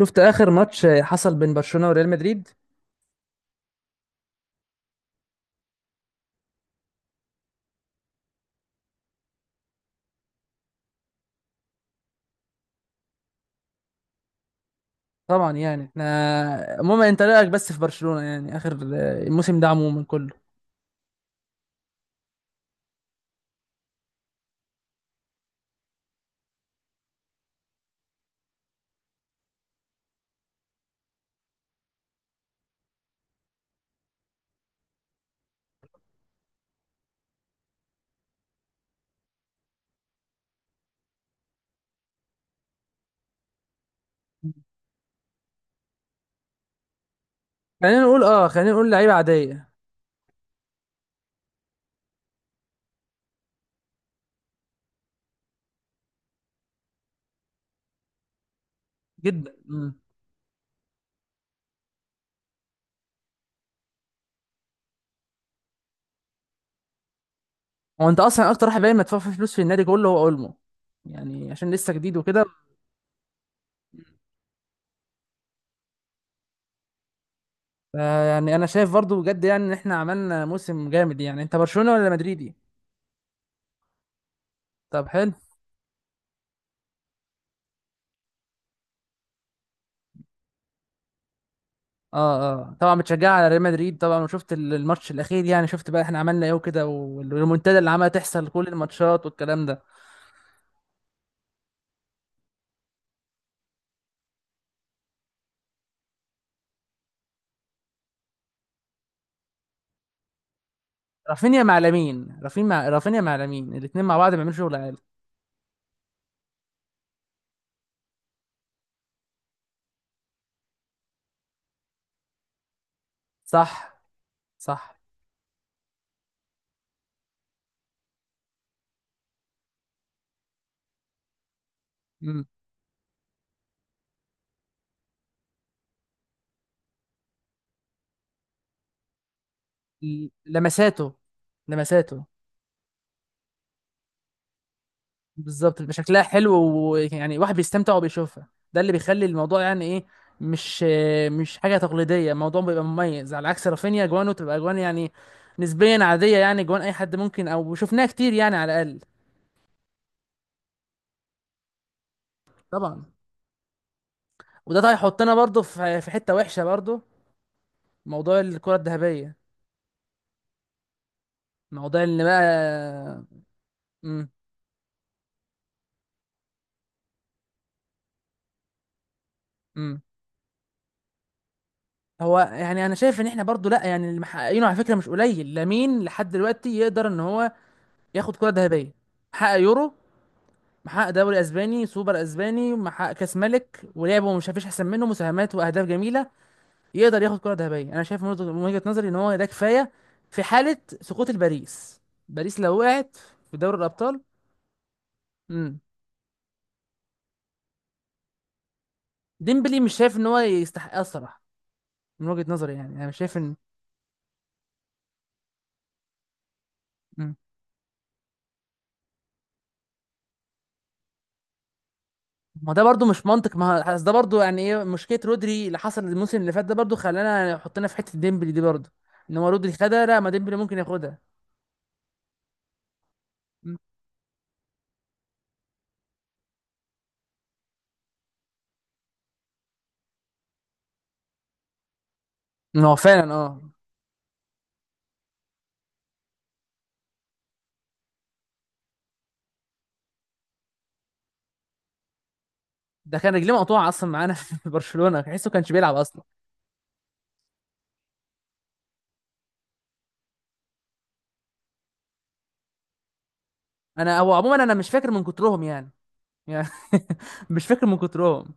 شفت اخر ماتش حصل بين برشلونة وريال مدريد. طبعا، يعني احنا عموما، انت رايك بس في برشلونة يعني اخر الموسم ده عموما كله؟ خلينا نقول لعيبة عادية جدا. مم. هو انت اصلا اكتر واحد باين مدفوع فيه فلوس في النادي كله هو اولمو، يعني عشان لسه جديد وكده. يعني انا شايف برضو بجد يعني ان احنا عملنا موسم جامد. يعني انت برشلونة ولا مدريدي؟ طب حلو. اه اه، طبعا بتشجع على ريال مدريد طبعا، وشفت الماتش الاخير. يعني شفت بقى احنا عملنا ايه وكده، والريمونتادا اللي عملها تحصل كل الماتشات والكلام ده. رافينيا مع لامين، رافينيا مع لامين، الاثنين مع بعض بيعملوا شغل عالي. صح. صح. مم. لمساته. لمساته. بالظبط، بيبقى شكلها حلو ويعني واحد بيستمتع وبيشوفها. ده اللي بيخلي الموضوع يعني ايه، مش مش حاجه تقليديه، الموضوع بيبقى مميز، على عكس رافينيا جوانه تبقى جوان يعني نسبيا عاديه. يعني جوان اي حد ممكن، او شفناها كتير يعني على الاقل. طبعا. وده طيب هيحطنا برضه في في حته وحشه برضه، موضوع الكره الذهبيه، موضوع اللي بقى. مم. مم. هو يعني انا شايف ان احنا برضو، لا يعني اللي محققينه على فكره مش قليل. لامين لحد دلوقتي يقدر ان هو ياخد كره ذهبيه. محقق يورو، محقق دوري اسباني، سوبر اسباني، محقق كاس ملك، ولعبه مش فيش احسن منه، مساهمات واهداف جميله. يقدر ياخد كره ذهبيه. انا شايف من وجهة نظري ان هو ده كفايه، في حاله سقوط الباريس. باريس لو وقعت في دوري الابطال. امم ديمبلي مش شايف ان هو يستحق، الصراحه. من وجهه نظري يعني، انا مش شايف ان. مم. ما ده برضو مش منطق. ما هو- أصل ده برضو يعني ايه، مشكله رودري اللي حصل الموسم اللي فات ده برضو خلانا حطينا في حته ديمبلي دي برضو، ان هو رودري خدها. لا، ما ديمبلي ممكن ياخدها. ما هو فعلا اه. ده كان رجليه مقطوعه اصلا معانا في برشلونه، تحسه كانش بيلعب اصلا. انا هو عموما انا مش فاكر من كترهم يعني. يعني مش فاكر من كترهم.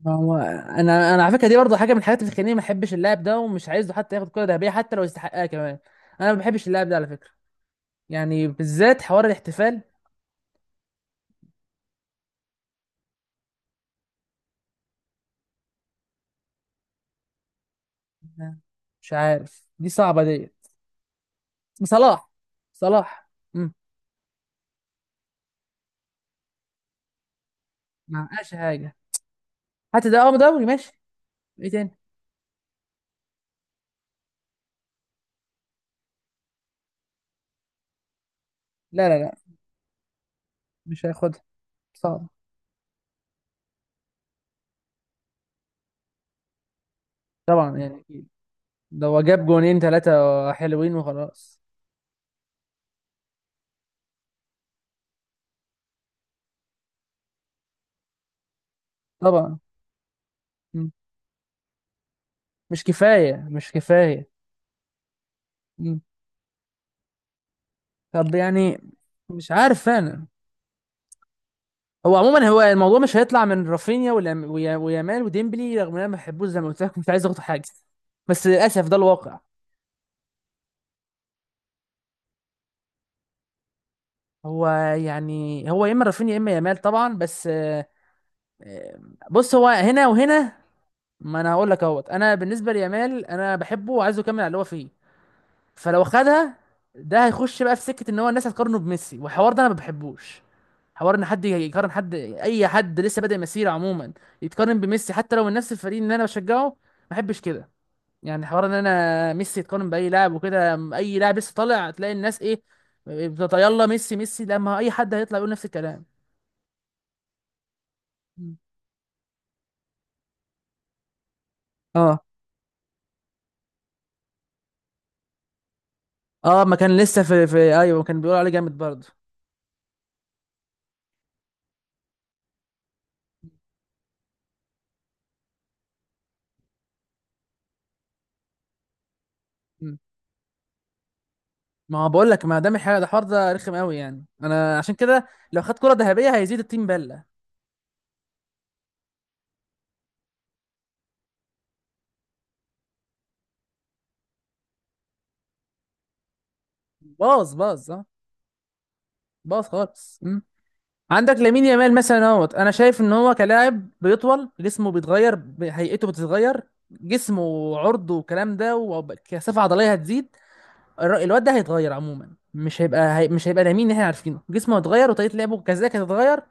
ما هو انا، انا على فكره دي برضه حاجه من الحاجات اللي بتخليني ما احبش اللاعب ده، ومش عايزه حتى ياخد كره ذهبيه حتى لو يستحقها كمان. انا ما بحبش اللاعب ده على فكره. يعني بالذات حوار الاحتفال. مش عارف، دي صعبة ديت. صلاح. صلاح. امم. ما معقاش حاجة. حتى ده اه دوري ماشي. ايه تاني؟ لا لا لا، مش هياخدها. صعب. طبعا، يعني اكيد. ده هو جاب جونين ثلاثة حلوين وخلاص. طبعا. مم. مش كفاية، مش كفاية. مم. طب يعني، مش عارف انا. هو عموما هو الموضوع مش هيطلع من رافينيا ويامال وديمبلي، رغم ان انا ما بحبوش زي ما قلت لك، مش عايز اخد حاجة، بس للاسف ده الواقع. هو هو يا اما رافينيا يا اما يامال طبعا، بس آه، بص هو هنا وهنا. ما انا هقول لك اهوت، انا بالنسبه ليامال انا بحبه وعايزه يكمل على اللي هو فيه. فلو خدها، ده هيخش بقى في سكه ان هو الناس هتقارنه بميسي، والحوار ده انا ما بحبوش. حوار ان حد يقارن حد، اي حد لسه بادئ مسيره عموما، يتقارن بميسي حتى لو من نفس الفريق اللي انا بشجعه، ما بحبش كده. يعني حوار ان انا ميسي يتقارن باي لاعب وكده، اي لاعب لسه طالع تلاقي الناس ايه بتطيلا ميسي، ميسي لما اي حد هيطلع يقول نفس الكلام. مم. اه اه، ما كان لسه في ايوه، ما كان بيقول عليه جامد برضه. مم. ما هو بقول لك، ما دام الحاجه ده، الحوار ده رخم قوي يعني، انا عشان كده لو خد كره ذهبيه هيزيد التيم بله. باظ باظ اه. باظ خالص. مم. عندك لامين يامال مثلا اهوت، انا شايف ان هو كلاعب بيطول، جسمه بيتغير، هيئته بتتغير، جسمه وعرضه والكلام ده، وكثافه عضليه هتزيد. الواد ده هيتغير عموما. مش هيبقى مش هيبقى ده مين اللي احنا عارفينه، جسمه هيتغير وطريقه لعبه كذلك هتتغير.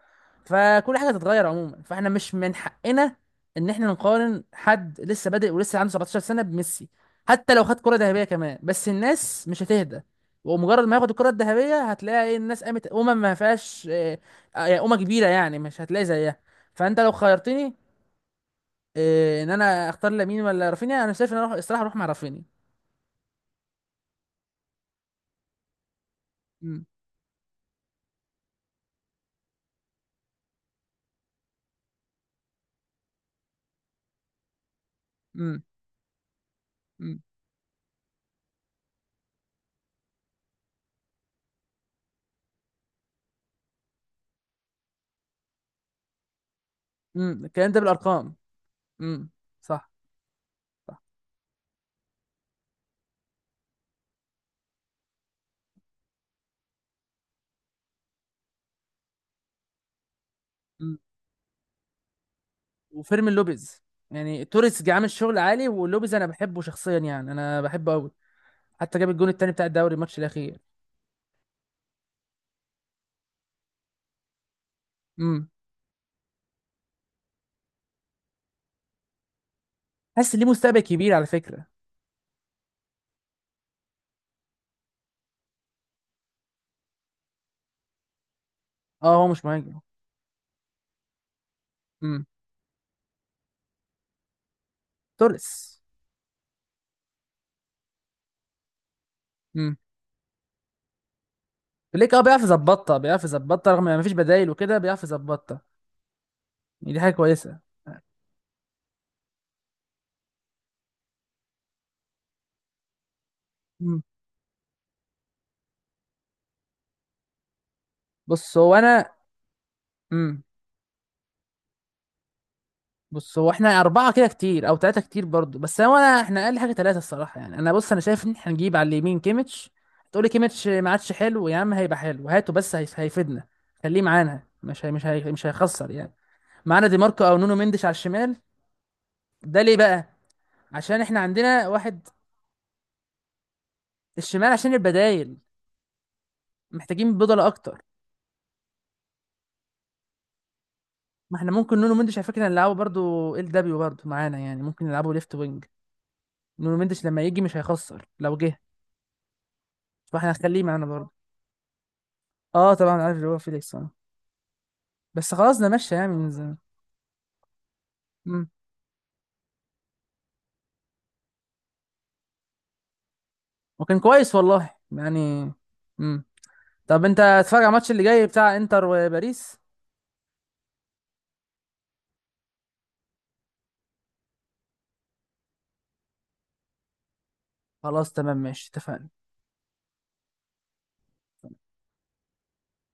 فكل حاجه هتتغير عموما، فاحنا مش من حقنا ان احنا نقارن حد لسه بادئ ولسه عنده 17 سنه بميسي. حتى لو خد كره ذهبيه كمان، بس الناس مش هتهدى. ومجرد ما ياخد الكره الذهبيه هتلاقي ايه الناس قامت، ما فيهاش امه كبيره يعني، مش هتلاقي زيها. فانت لو خيرتني، ان انا اختار لامين ولا رافينيا، انا شايف ان انا اروح الصراحه، اروح مع رافينيا. امم. امم. امم، الكلام ده بالارقام. امم. صح. صح. امم. وفيرمين لوبيز. يعني توريس جه عامل شغل عالي، ولوبيز انا بحبه شخصيا، يعني انا بحبه قوي. حتى جاب الجون التاني بتاع الدوري الماتش الاخير. امم. حاسس ليه مستقبل كبير على فكره. اه هو مش مهاجم. امم. توريس. امم. بليك اه بيعرف يظبطها، بيعرف يظبطها رغم ما فيش بدايل وكده، بيعرف يظبطها. يعني دي حاجه كويسه. امم. بص هو انا. امم. بص هو احنا اربعه كده كتير، او ثلاثه كتير برضو، بس هو انا احنا اقل حاجه ثلاثه الصراحه يعني. انا بص، انا شايف ان احنا نجيب على اليمين كيميتش. تقولي كيميتش ما عادش حلو يا عم، هيبقى حلو هاته، بس هيفيدنا. خليه معانا، مش هيخسر يعني معانا. دي ماركو او نونو مندش على الشمال. ده ليه بقى؟ عشان احنا عندنا واحد. الشمال عشان البدايل، محتاجين بدلة اكتر. ما احنا ممكن نونو مندش على فكره نلعبه برضو ال دبليو برضو معانا، يعني ممكن نلعبه ليفت وينج. نونو مندش لما يجي مش هيخسر لو جه، فاحنا هنخليه معانا برضو. اه طبعا عارف اللي هو فيليكس اه، بس خلاص ده مشى يعني من زمان. مم. وكان كويس والله يعني. مم. طب انت هتتفرج على الماتش اللي جاي بتاع انتر وباريس؟ خلاص تمام ماشي، اتفقنا.